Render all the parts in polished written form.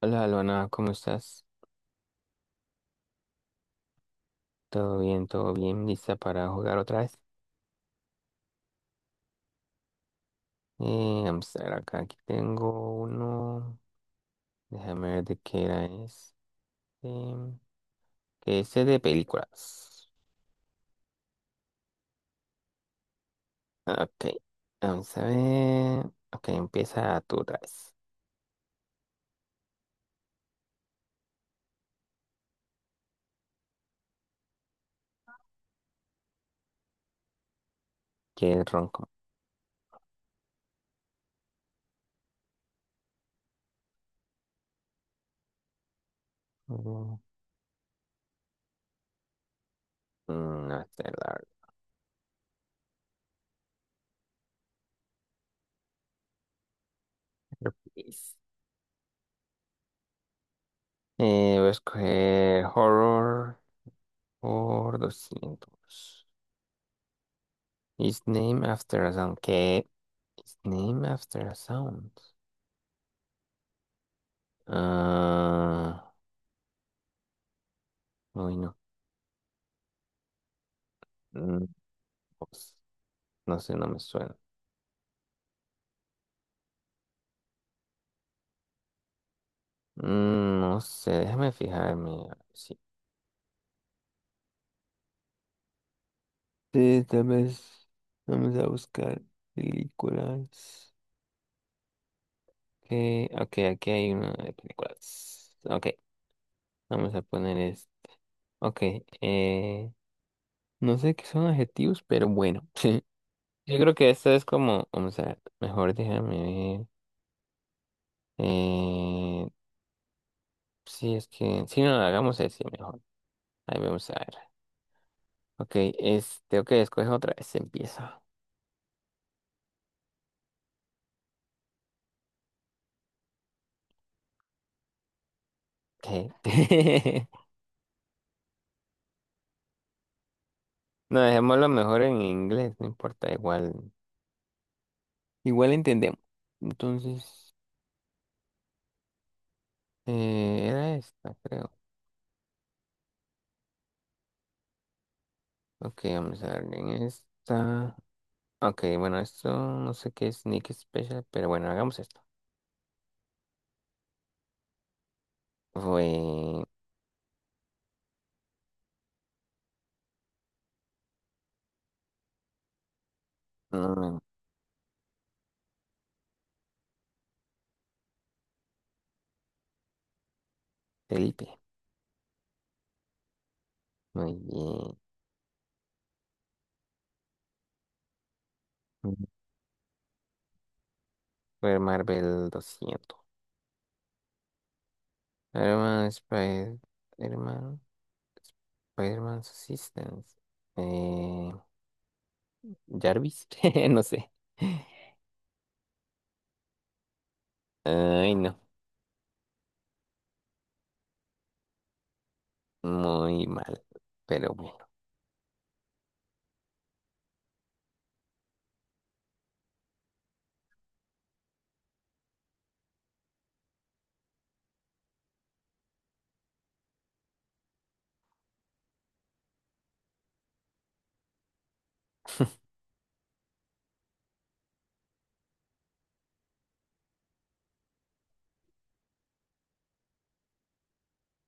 Hola, Luana, ¿cómo estás? ¿Todo bien? ¿Todo bien? ¿Lista para jugar otra vez? Vamos a ver acá, aquí tengo uno. Déjame ver de qué era este. Que es de películas. Ok, vamos a ver. Ok, empieza tú otra vez. ¿Qué es ronco? Mm, No sé, la verdad. Please. Voy a escoger horror por 200. Is named after a sound. ¿Qué? Is named after a sound. Ah, uy, no. Mm, pues, no sé, no me suena. No sé, déjame fijarme, a ver sí, tal vez vamos a buscar películas. Okay, ok, aquí hay una de películas. Ok, vamos a poner es. Ok, eh, no sé qué son adjetivos, pero bueno. Yo creo que esta es como, vamos a ver, mejor déjame ver. Eh, sí, es que, si no, hagamos ese mejor. Ahí vamos a ver. Ok, este, ok, escoge otra vez, empieza. Ok. No, dejémoslo mejor en inglés, no importa, igual, igual entendemos. Entonces, era esta, creo. Ok, vamos a darle en esta. Ok, bueno, esto no sé qué es Nick Special, pero bueno, hagamos esto. Fue mm, Felipe. Muy bien. Ujú. Fue Marvel 200. Herman Spider-Man. Spider-Man's Assistance. Jarvis, no sé. Ay, no, muy mal. Pero bueno,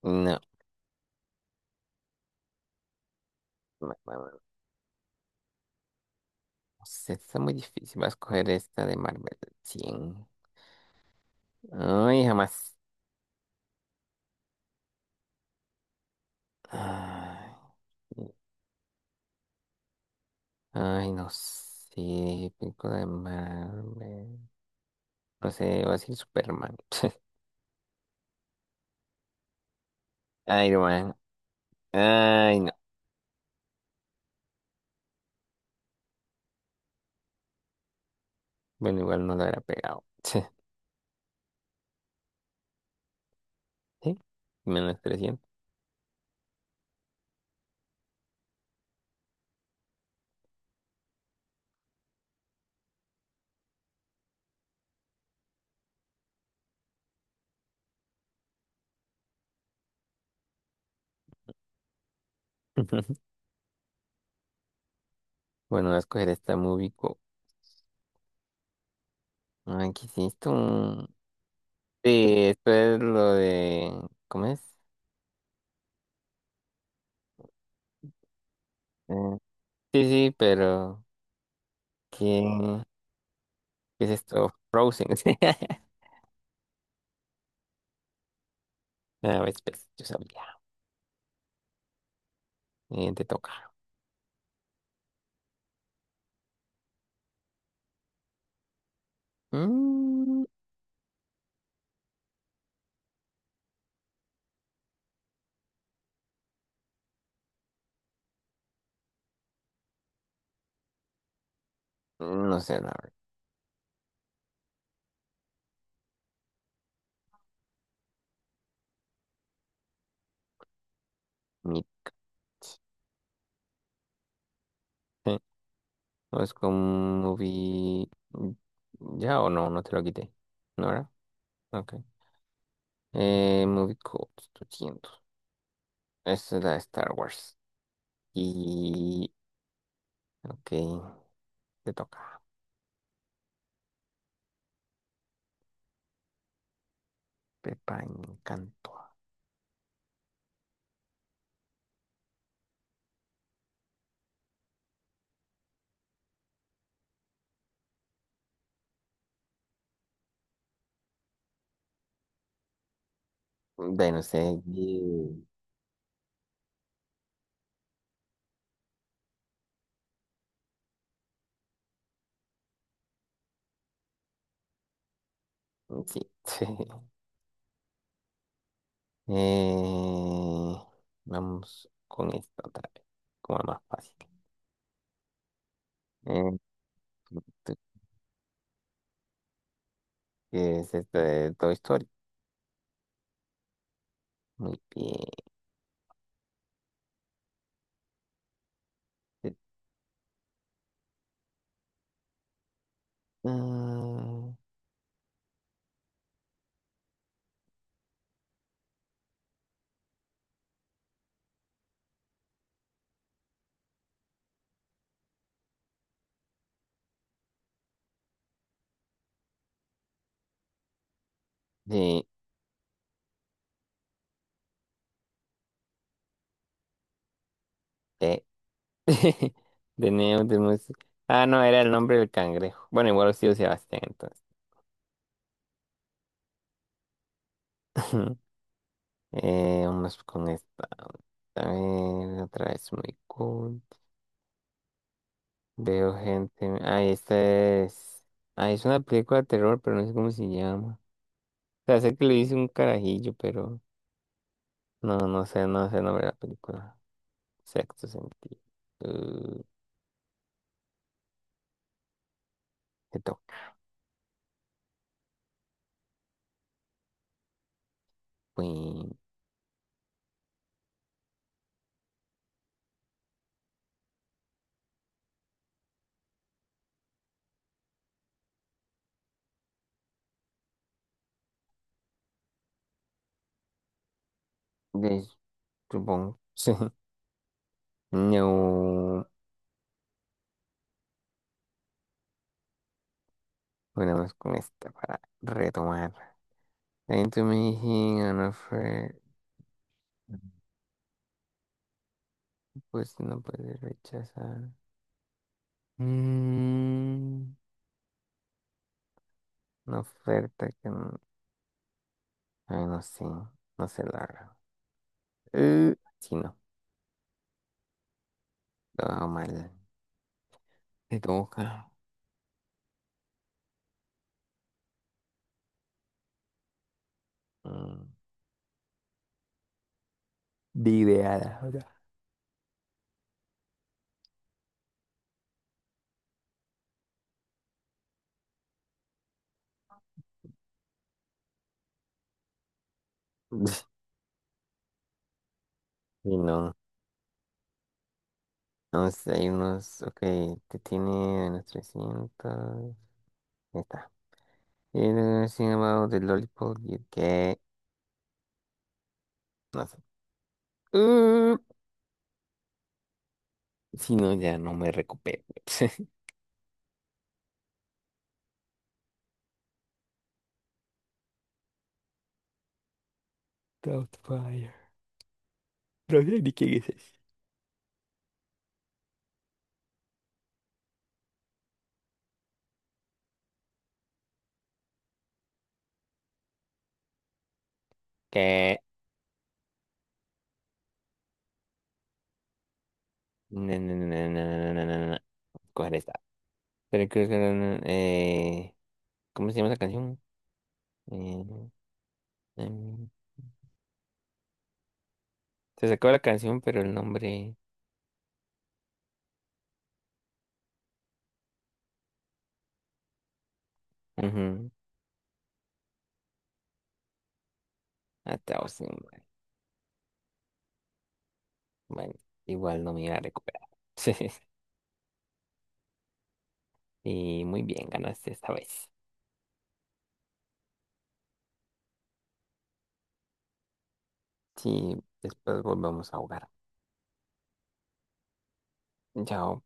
no, vamos, esta está muy difícil. Vas a escoger esta de Marvel 100. Ay, jamás. Ay, ay, no sé. Película de Marvel. No sé, va a decir Superman. Iron Man. Ay, no. Bueno, igual no lo habrá pegado. ¿Sí? Menos 300. Bueno, voy a escoger esta movie. Ay, ¿qué es esto? Sí, esto es lo de... ¿Cómo es? Eh, sí, sí, pero ¿quién? ¿Qué es esto? Frozen. A ver, pues, yo sabía. Te toca. Mm, no sé, la verdad. Meet. Eh, ¿Es con movie... ¿Ya o no? No te lo quité. ¿No era? Ok. Movie Code 200. Esta es la de Star Wars. Y... Ok, te toca. Pepa Encanto. Bueno, no sé. Sí. Eh, vamos con esta otra vez, como la más fácil. Eh, tu- tu- ¿Qué es esta de Toy Story? Muy bien. Eh, mm, De, de, de Nemo, ah, no, era el nombre del cangrejo. Bueno, igual ha sido Sebastián, entonces. Vamos con esta. A ver, otra vez muy cool. Veo gente. Ah, esta es. Ah, es una película de terror, pero no sé cómo se llama. Sea, sé que le hice un carajillo, pero no, no sé, no sé el nombre de la película. Sexto sentido. Eh, ¿Qué toca? Bueno, pues, supongo. Sí. No. Bueno, vamos con esta para retomar. Then to me he an offer. Pues no puede rechazar. Mm, una oferta que no. Ay, no sé. No sé la verdad. Eh, sí, no. Todo mal. Te toca. Mm, de ideada. Y no, no sé, hay unos, ok, te tiene a unos 300, ya está. Y el llamado de Lollipop, y el que, no sé. Uh, si no, ya no me recupero. Doubtfire. No sé ni quién es ese. Que, na, na, na, na, na, na, na, na, na. Coger esta. Pero creo que, era una ¿cómo se llama la canción? Eh, em, se sacó la canción, pero el nombre, ujú, a Thousand. Bueno, igual no me iba a recuperar. Y muy bien, ganaste esta vez. Sí, después volvemos a jugar. Chao.